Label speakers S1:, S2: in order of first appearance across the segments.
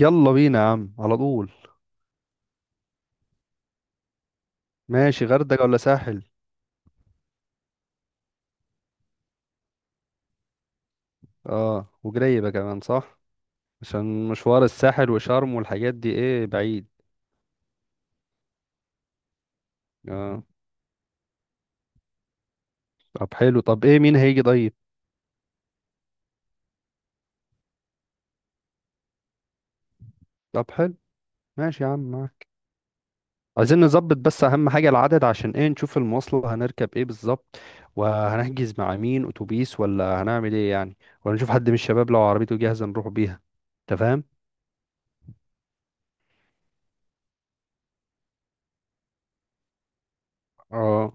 S1: يلا بينا يا عم على طول. ماشي، غردقة ولا ساحل؟ اه، وجريبة كمان صح. عشان مشوار الساحل وشرم والحاجات دي ايه بعيد. اه. طب حلو، طب ايه مين هيجي طيب؟ طب حلو، ماشي يا عم معاك. عايزين نظبط بس اهم حاجة العدد، عشان ايه نشوف المواصلة هنركب ايه بالظبط، وهنحجز مع مين اتوبيس ولا هنعمل ايه يعني، ولا نشوف حد من الشباب لو عربيته جاهزة نروح بيها، انت فاهم؟ اه.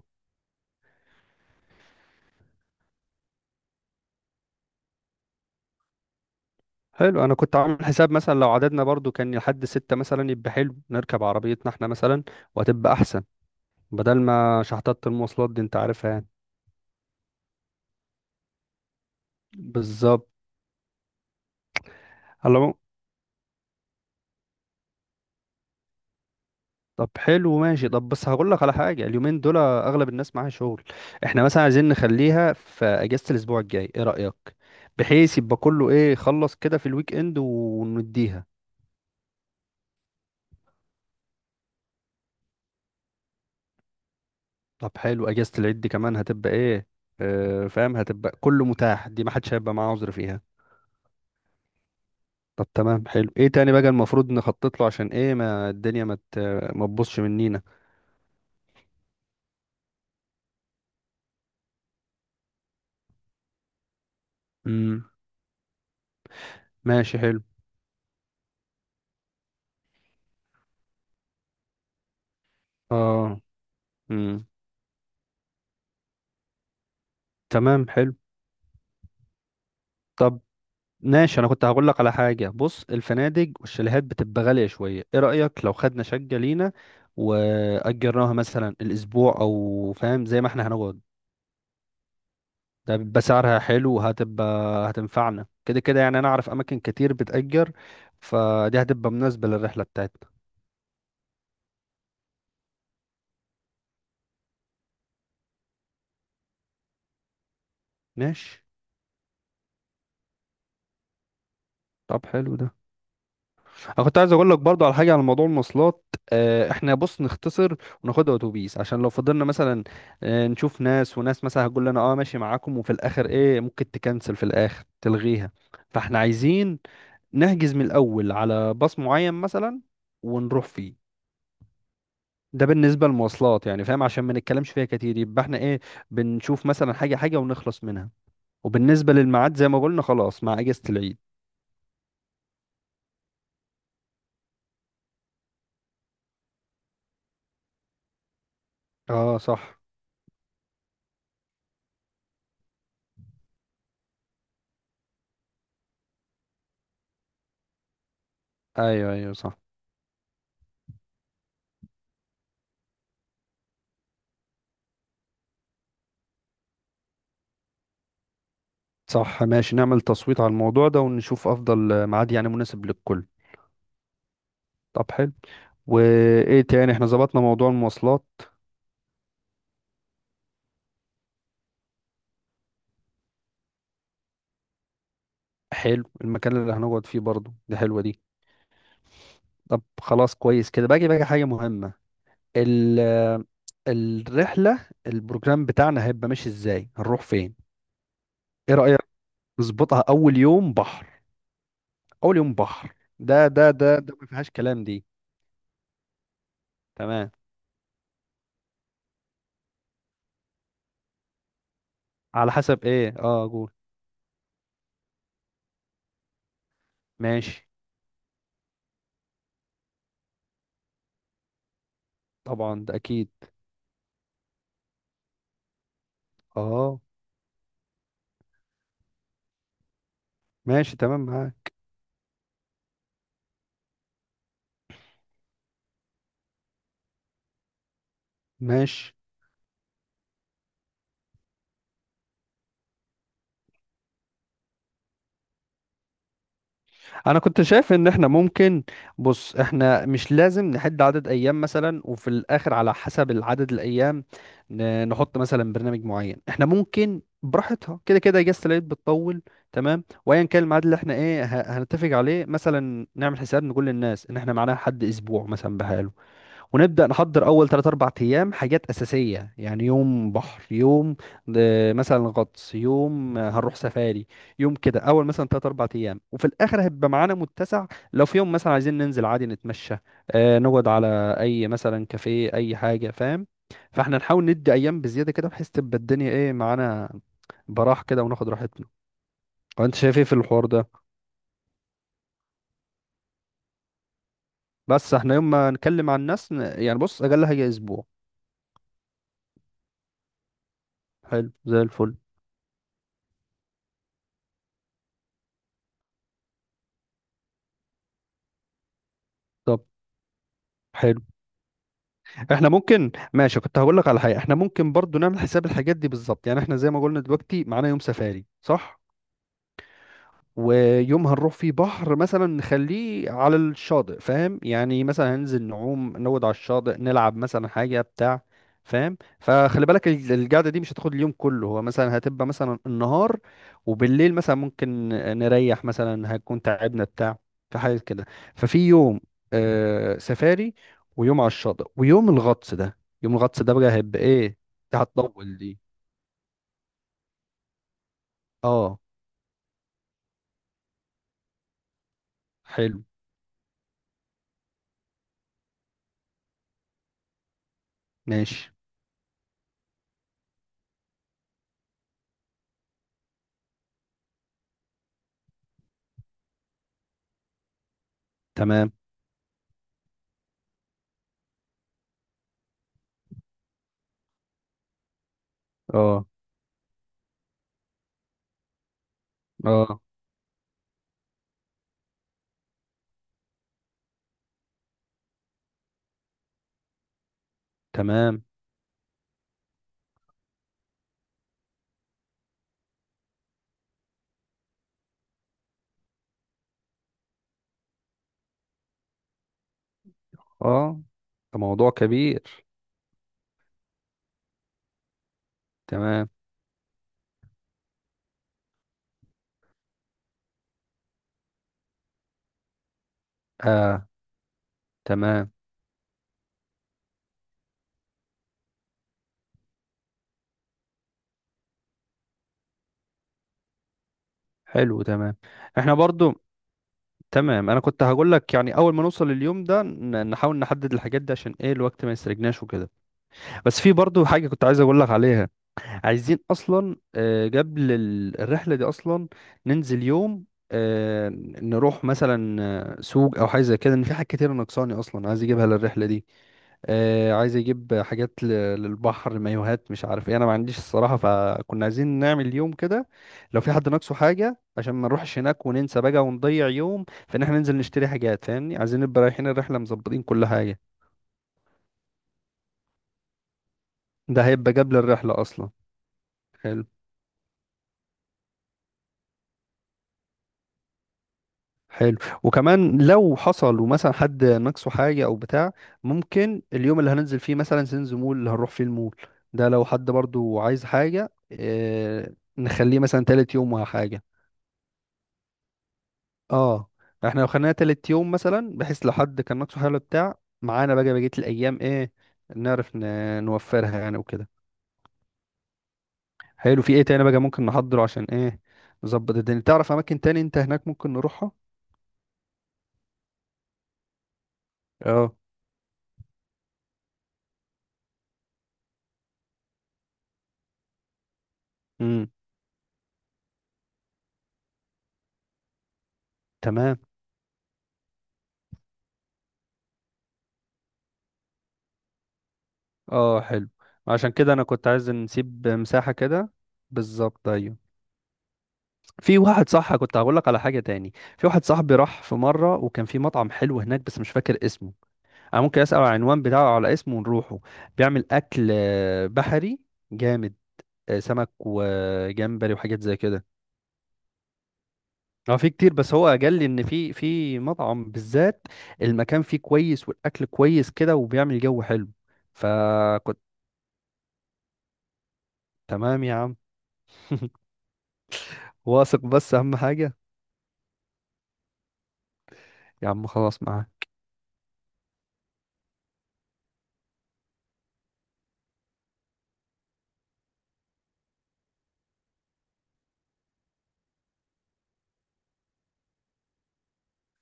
S1: حلو، انا كنت عامل حساب مثلا لو عددنا برضو كان لحد ستة مثلا يبقى حلو نركب عربيتنا احنا مثلا. وهتبقى احسن بدل ما شحطات المواصلات دي انت عارفها يعني. بالظبط. على العموم- طب حلو، ماشي. طب بس هقول لك على حاجة، اليومين دول اغلب الناس معاها شغل. احنا مثلا عايزين نخليها في اجازة الاسبوع الجاي، ايه رأيك؟ بحيث يبقى كله ايه خلص كده في الويك اند، ونديها. طب حلو، اجازة العيد دي كمان هتبقى ايه. اه فاهم، هتبقى كله متاح، دي ما حدش هيبقى معاه عذر فيها. طب تمام حلو، ايه تاني بقى المفروض نخطط له؟ عشان ايه ما الدنيا ما تبوظش منينا. امم ماشي حلو. اه. امم تمام حلو. طب ماشي، انا كنت هقول لك على حاجه. بص، الفنادق والشاليهات بتبقى غاليه شويه، ايه رايك لو خدنا شقه لينا واجرناها مثلا الاسبوع، او فاهم زي ما احنا هنقعد. ده بيبقى سعرها حلو، وهتبقى هتنفعنا كده كده يعني، انا اعرف اماكن كتير بتأجر، فدي هتبقى مناسبه للرحله بتاعتنا. ماشي. طب حلو ده، انا كنت عايز اقول لك برضو على حاجه، على موضوع المواصلات. احنا بص نختصر وناخدها اتوبيس، عشان لو فضلنا مثلا نشوف ناس، وناس مثلا هتقول لنا اه ماشي معاكم، وفي الاخر ايه ممكن تكنسل، في الاخر تلغيها. فاحنا عايزين نحجز من الاول على باص معين مثلا، ونروح فيه. ده بالنسبه للمواصلات يعني فاهم، عشان ما نتكلمش فيها كتير يبقى احنا ايه بنشوف مثلا حاجه حاجه ونخلص منها. وبالنسبه للميعاد زي ما قلنا خلاص، مع اجازه العيد. اه صح. ايوه ايوه صح. صح ماشي، نعمل تصويت على الموضوع ده ونشوف افضل ميعاد يعني مناسب للكل. طب حلو. وايه تاني، احنا ظبطنا موضوع المواصلات. حلو، المكان اللي هنقعد فيه برضو، دي حلوة دي. طب خلاص كويس كده، باجي باجي حاجة مهمة. ال الرحلة، البروجرام بتاعنا هيبقى ماشي ازاي، هنروح فين؟ ايه رأيك نظبطها اول يوم بحر؟ اول يوم بحر ده ما فيهاش كلام دي. تمام. على حسب ايه؟ اه قول. ماشي. طبعا ده اكيد. اه. ماشي تمام معاك. ماشي، انا كنت شايف ان احنا ممكن، بص احنا مش لازم نحد عدد ايام مثلا، وفي الاخر على حسب العدد الايام نحط مثلا برنامج معين، احنا ممكن براحتها كده كده، اجازة العيد بتطول. تمام، وايا كان الميعاد اللي احنا ايه هنتفق عليه، مثلا نعمل حساب نقول للناس ان احنا معانا حد اسبوع مثلا بحاله، ونبدأ نحضر أول 3 4 أيام حاجات أساسية، يعني يوم بحر، يوم مثلا غطس، يوم هنروح سفاري، يوم كده، أول مثلا 3 4 أيام، وفي الآخر هيبقى معانا متسع، لو في يوم مثلا عايزين ننزل عادي نتمشى، نقعد على أي مثلا كافيه، أي حاجة فاهم. فاحنا نحاول ندي أيام بزيادة كده، بحيث تبقى الدنيا إيه معانا براح كده وناخد راحتنا. وانت شايف ايه في الحوار ده؟ بس احنا يوم ما نكلم عن الناس يعني بص اقل حاجه اسبوع. حلو زي الفل. طب حلو، احنا ممكن ماشي، كنت هقول لك على حاجه، احنا ممكن برضو نعمل حساب الحاجات دي بالظبط. يعني احنا زي ما قلنا دلوقتي، معانا يوم سفاري صح، ويوم هنروح فيه بحر مثلا نخليه على الشاطئ فاهم، يعني مثلا هننزل نعوم نود على الشاطئ، نلعب مثلا حاجة بتاع. فاهم، فخلي بالك القعدة دي مش هتاخد اليوم كله، هو مثلا هتبقى مثلا النهار، وبالليل مثلا ممكن نريح، مثلا هنكون تعبنا بتاع. في حاجة كده. ففي يوم سفاري، ويوم على الشاطئ، ويوم الغطس ده. يوم الغطس ده بقى هيبقى ايه، دي هتطول دي. اه. حلو، ماشي تمام. اه. اه. تمام. اه ده موضوع كبير. تمام. اه. تمام حلو. تمام. احنا برضو تمام، انا كنت هقول لك يعني، اول ما نوصل اليوم ده نحاول نحدد الحاجات دي عشان ايه الوقت ما يسرقناش وكده. بس في برضو حاجة كنت عايز اقول لك عليها، عايزين اصلا قبل الرحله دي اصلا ننزل يوم، آه، نروح مثلا سوق او حاجه زي كده، ان في حاجات كتير ناقصاني اصلا عايز اجيبها للرحله دي. عايز اجيب حاجات للبحر، مايوهات مش عارف ايه، انا ما عنديش الصراحه. فكنا عايزين نعمل يوم كده، لو في حد ناقصه حاجه، عشان ما نروحش هناك وننسى بقى ونضيع يوم، فان احنا ننزل نشتري حاجات فاهمني، عايزين نبقى رايحين الرحله مظبطين كل حاجه. ده هيبقى قبل الرحله اصلا. حلو. حلو. وكمان لو حصل ومثلا حد ناقصه حاجة أو بتاع، ممكن اليوم اللي هننزل فيه مثلا سينز مول اللي هنروح فيه المول ده، لو حد برضو عايز حاجة، اه نخليه مثلا تالت يوم ولا حاجة. اه. احنا لو خلينا تالت يوم مثلا، بحيث لو حد كان ناقصه حاجة ولا بتاع، معانا بقى بقية الأيام ايه نعرف نوفرها يعني وكده. حلو، في ايه تاني بقى ممكن نحضره، عشان ايه نظبط الدنيا. تعرف أماكن تاني انت هناك ممكن نروحها؟ اه. امم. تمام. اه. حلو. عشان كده انا كنت عايز نسيب مساحة كده. بالظبط ايوه. في واحد صح كنت هقول لك على حاجة تاني، في واحد صاحبي راح في مرة وكان في مطعم حلو هناك بس مش فاكر اسمه. انا ممكن اسأل على العنوان بتاعه، على اسمه ونروحه. بيعمل اكل بحري جامد، سمك وجمبري وحاجات زي كده. اه في كتير، بس هو قال لي ان في مطعم بالذات المكان فيه كويس، والاكل كويس كده، وبيعمل جو حلو. فكنت تمام يا عم. واثق، بس اهم حاجة. يا عم خلاص معاك.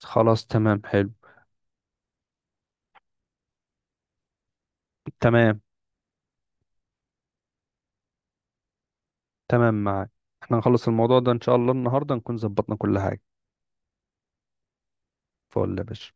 S1: خلاص تمام حلو. تمام. تمام معاك. احنا نخلص الموضوع ده ان شاء الله النهارده نكون ظبطنا كل حاجة. فول يا باشا.